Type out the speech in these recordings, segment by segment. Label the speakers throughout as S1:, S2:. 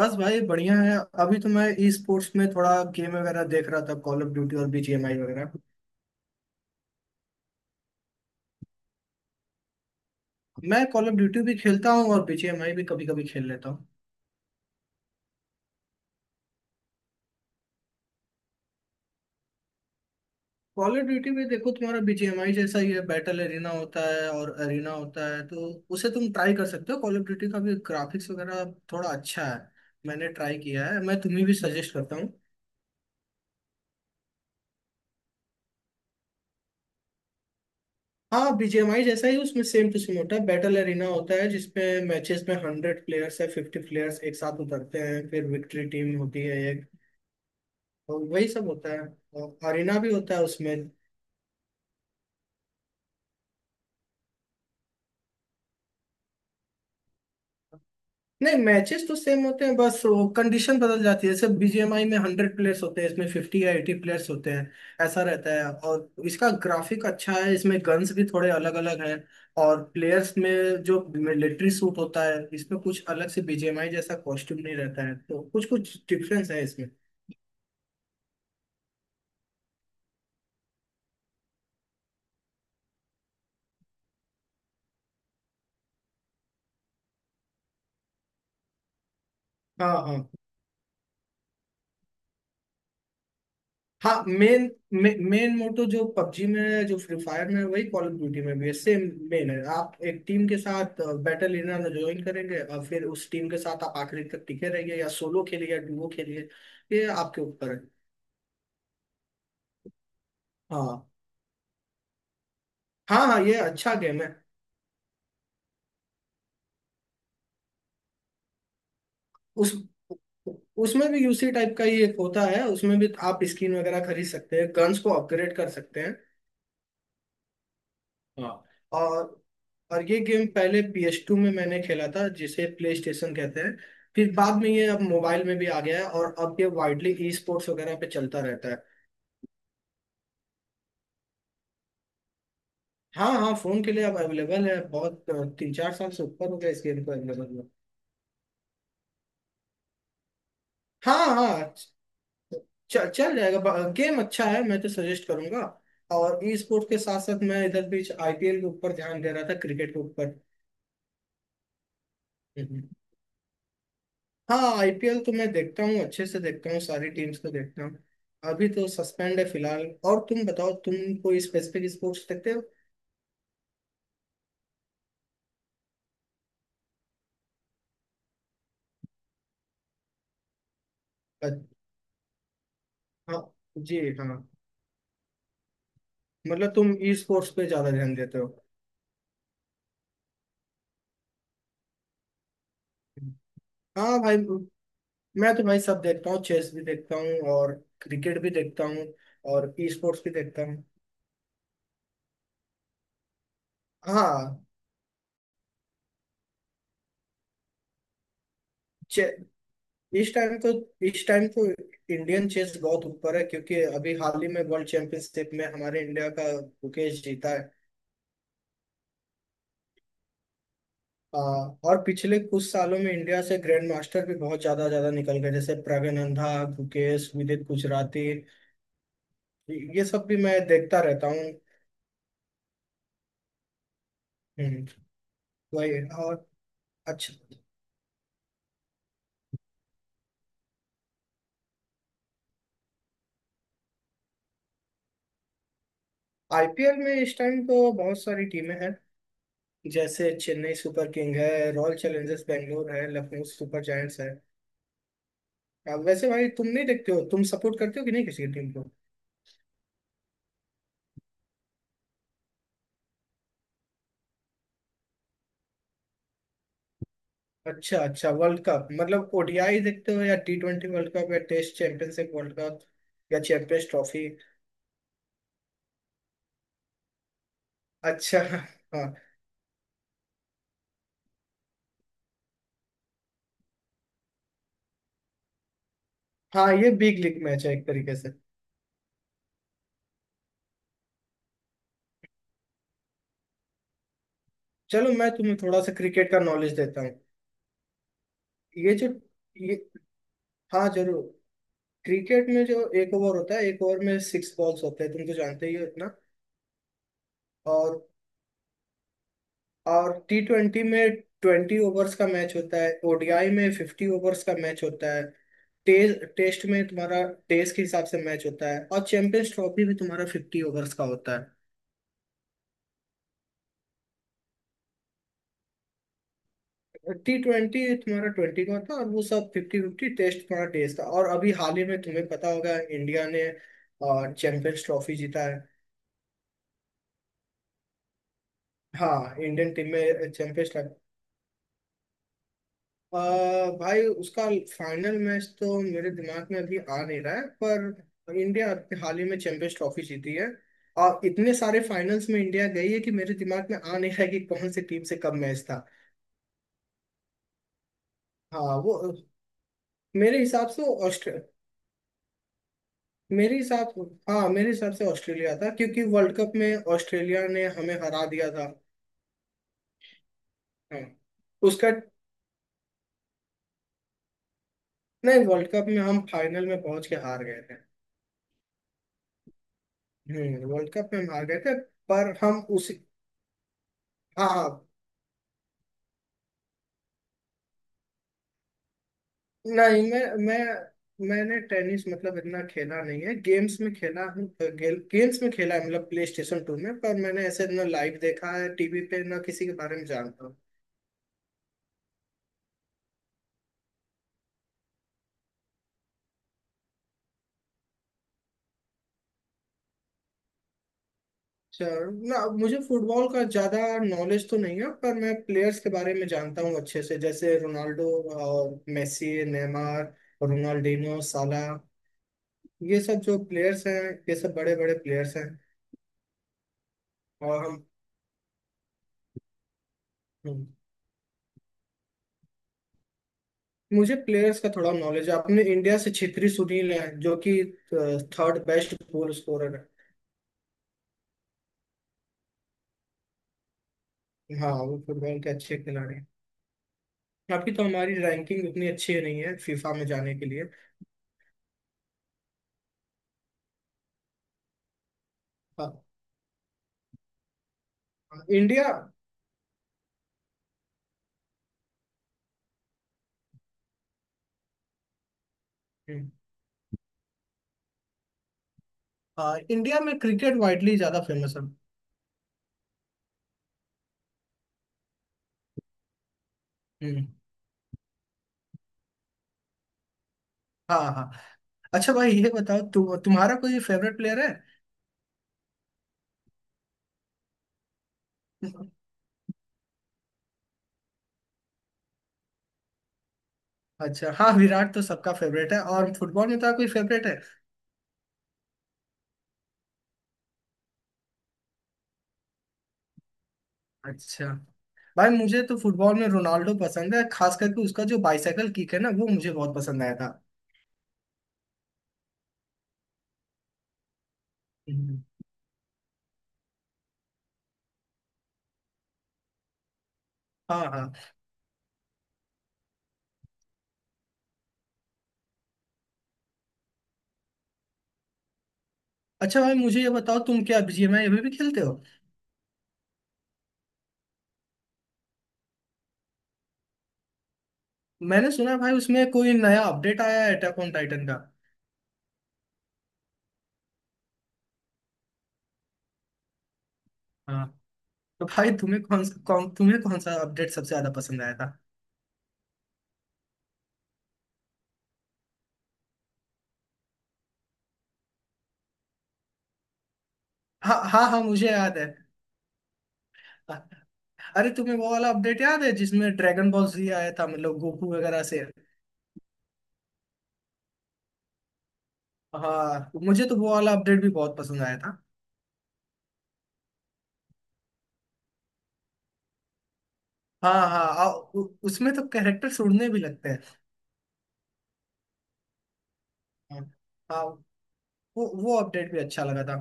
S1: बस भाई बढ़िया है। अभी तो मैं ई स्पोर्ट्स में थोड़ा गेम वगैरह देख रहा था, कॉल ऑफ ड्यूटी और बीजीएमआई वगैरह। मैं कॉल ऑफ ड्यूटी भी खेलता हूँ और बीजीएमआई भी कभी कभी खेल लेता हूँ। कॉल ऑफ ड्यूटी में देखो, तुम्हारा बीजीएमआई जैसा ही है। बैटल एरिना होता है और एरिना होता है, तो उसे तुम ट्राई कर सकते हो। कॉल ऑफ ड्यूटी का भी ग्राफिक्स वगैरह थोड़ा अच्छा है। मैंने ट्राई किया है, मैं तुम्हें भी सजेस्ट करता हूँ। हाँ, बीजीएमआई जैसा ही उसमें सेम टू सेम होता है। बैटल एरिना होता है, जिसमें मैचेस में 100 प्लेयर्स है, 50 प्लेयर्स एक साथ उतरते हैं, फिर विक्ट्री टीम होती है और वही सब होता है। और अरेना भी होता है उसमें। नहीं, मैचेस तो सेम होते हैं, बस वो कंडीशन बदल जाती है। जैसे बीजीएमआई में 100 प्लेयर्स होते हैं, इसमें 50 या 80 प्लेयर्स होते हैं। ऐसा रहता है। और इसका ग्राफिक अच्छा है, इसमें गन्स भी थोड़े अलग अलग हैं। और प्लेयर्स में जो मिलिट्री सूट होता है इसमें, कुछ अलग से बीजीएमआई जैसा कॉस्ट्यूम नहीं रहता है, तो कुछ कुछ डिफरेंस है इसमें। हाँ, हाँ। हाँ, मेन मेन मोटो जो पबजी में है, जो फ्री फायर में है, वही कॉल ऑफ ड्यूटी में भी है। सेम मेन है, आप एक टीम के साथ बैटल एरिया में ज्वाइन करेंगे और फिर उस टीम के साथ आप आखिरी तक टिके रहिए, या सोलो खेलिए, या डुओ खेलिए। ये आपके ऊपर है। हाँ, हाँ, हाँ, ये अच्छा गेम है। उस उसमें भी यूसी टाइप का ही एक होता है, उसमें भी आप स्किन वगैरह खरीद सकते हैं, गन्स को अपग्रेड कर सकते हैं। हाँ। और और ये गेम पहले PS2 में मैंने खेला था, जिसे प्ले स्टेशन कहते हैं। फिर बाद में ये अब मोबाइल में भी आ गया है और अब ये वाइडली ई स्पोर्ट्स वगैरह पे चलता रहता है। हाँ, हाँ, फोन के लिए अब अवेलेबल है। बहुत 3-4 साल से ऊपर हो गया इस गेम को अवेलेबल हुआ। हाँ, हाँ, चल चल जाएगा। गेम अच्छा है, मैं तो सजेस्ट करूंगा। और ई स्पोर्ट्स के साथ साथ मैं इधर बीच आईपीएल के ऊपर ध्यान दे रहा था, क्रिकेट के ऊपर। हम्म। हम्म। हाँ, आईपीएल तो मैं देखता हूँ, अच्छे से देखता हूँ, सारी टीम्स को देखता हूँ। अभी तो सस्पेंड है फिलहाल। और तुम बताओ, तुम कोई स्पेसिफिक स्पोर्ट्स देखते हो? अच्छा, हाँ, जी हाँ, मतलब तुम ई स्पोर्ट्स पे ज्यादा ध्यान देते हो? हाँ भाई, मैं तो भाई सब देखता हूँ, चेस भी देखता हूँ और क्रिकेट भी देखता हूँ और ई स्पोर्ट्स भी देखता हूँ। हाँ। चे- इस टाइम तो इस टाइम तो इंडियन चेस बहुत ऊपर है, क्योंकि अभी हाल ही में वर्ल्ड चैंपियनशिप में हमारे इंडिया का मुकेश जीता है। हाँ, और पिछले कुछ सालों में इंडिया से ग्रैंड मास्टर भी बहुत ज्यादा ज्यादा निकल गए, जैसे प्रगनंदा, गुकेश, विदित गुजराती। ये सब भी मैं देखता रहता हूँ। हम्म, वही। और अच्छा, आईपीएल में इस टाइम तो बहुत सारी टीमें हैं, जैसे चेन्नई सुपर किंग है, रॉयल चैलेंजर्स बेंगलोर है, लखनऊ सुपर जायंट्स है। अब वैसे भाई, तुम नहीं देखते हो? तुम सपोर्ट करते हो कि नहीं किसी टीम को? अच्छा, अच्छा, वर्ल्ड कप मतलब ओडीआई देखते हो, या T20 वर्ल्ड कप, या टेस्ट चैंपियनशिप वर्ल्ड कप, या चैंपियंस ट्रॉफी? अच्छा। हाँ, हाँ, ये बिग लीग मैच है एक तरीके से। चलो, मैं तुम्हें थोड़ा सा क्रिकेट का नॉलेज देता हूँ। ये जो ये हाँ, जरूर। क्रिकेट में जो एक ओवर होता है, एक ओवर में 6 बॉल्स होते हैं, तुम तो जानते ही हो इतना। और और T20 में 20 ओवर्स का मैच होता है, ओडीआई में 50 ओवर्स का मैच होता है। टेस्ट टेस्ट में तुम्हारा टेस्ट के हिसाब से मैच होता है, और चैंपियंस ट्रॉफी में तुम्हारा 50 ओवर्स का होता है। T20 तुम्हारा 20 का था, और वो सब 50-50। टेस्ट तुम्हारा टेस्ट था। और अभी हाल ही में तुम्हें पता होगा, इंडिया ने चैंपियंस ट्रॉफी जीता है। हाँ, इंडियन टीम में चैंपियंस ट्रॉफी। भाई, उसका फाइनल मैच तो मेरे दिमाग में अभी आ नहीं रहा है, पर इंडिया अभी हाल ही में चैंपियंस ट्रॉफी जीती है। और इतने सारे फाइनल्स में इंडिया गई है कि मेरे दिमाग में आ नहीं रहा है कि कौन सी टीम से कब मैच था। हाँ, वो मेरे हिसाब से ऑस्ट्रेलिया। मेरे हिसाब हाँ, मेरे हिसाब से ऑस्ट्रेलिया था, क्योंकि वर्ल्ड कप में ऑस्ट्रेलिया ने हमें हरा दिया था। हाँ, उसका। नहीं, वर्ल्ड कप में हम फाइनल में पहुंच के हार गए थे। हम्म, वर्ल्ड कप में हम हार गए थे। पर हम उसी हाँ, हाँ, नहीं, मैंने टेनिस मतलब इतना खेला नहीं है, गेम्स में खेला हूँ। गेम्स में खेला है, मतलब प्ले स्टेशन टू में। पर मैंने ऐसे ना लाइव देखा है टीवी पे, ना किसी के बारे में जानता हूँ। चल ना, मुझे फुटबॉल का ज्यादा नॉलेज तो नहीं है, पर मैं प्लेयर्स के बारे में जानता हूँ अच्छे से, जैसे रोनाल्डो और मेसी, नेमार, रोनाल्डिनो, साला। ये सब जो प्लेयर्स हैं, ये सब बड़े बड़े प्लेयर्स हैं। और हम हम्म, मुझे प्लेयर्स का थोड़ा नॉलेज है, अपने इंडिया से छित्री सुनील है, जो कि थर्ड बेस्ट गोल स्कोरर है। हाँ, वो फुटबॉल के अच्छे खिलाड़ी हैं। अभी तो हमारी रैंकिंग उतनी अच्छी नहीं है फीफा में जाने के लिए। हाँ, इंडिया। हाँ, इंडिया में क्रिकेट वाइडली ज्यादा फेमस है। हम्म। हाँ, हाँ। अच्छा भाई, ये बताओ, तुम्हारा कोई फेवरेट प्लेयर है? अच्छा, हाँ, विराट तो सबका फेवरेट है। और फुटबॉल में तो कोई फेवरेट है? अच्छा भाई, मुझे तो फुटबॉल में रोनाल्डो पसंद है, खास करके उसका जो बाइसाइकिल किक है ना, वो मुझे बहुत पसंद आया था। हम्म। हाँ, हाँ। अच्छा भाई, मुझे ये बताओ, तुम क्या बीजीएमआई अभी भी खेलते हो? मैंने सुना है भाई, उसमें कोई नया अपडेट आया है अटैक ऑन टाइटन का। हाँ, तो भाई, तुम्हें कौन सा अपडेट सबसे ज्यादा पसंद आया? हाँ, हाँ, हाँ, मुझे याद है। अरे, तुम्हें वो वाला अपडेट याद है जिसमें ड्रैगन बॉल जी आया था, मतलब गोकू वगैरह से? हाँ, मुझे तो वो वाला अपडेट भी बहुत पसंद आया था। हाँ, हाँ, उसमें तो कैरेक्टर उड़ने भी लगते हैं। हाँ, हाँ, वो अपडेट भी अच्छा लगा था।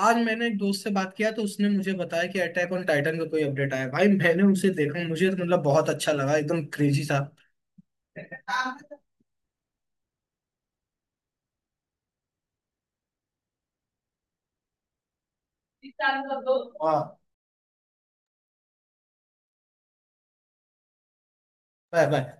S1: आज मैंने एक दोस्त से बात किया, तो उसने मुझे बताया कि अटैक ऑन टाइटन का कोई अपडेट आया है। भाई मैंने उसे देखा, मुझे तो मतलब बहुत अच्छा लगा, एकदम क्रेजी था। वाह। Bye bye.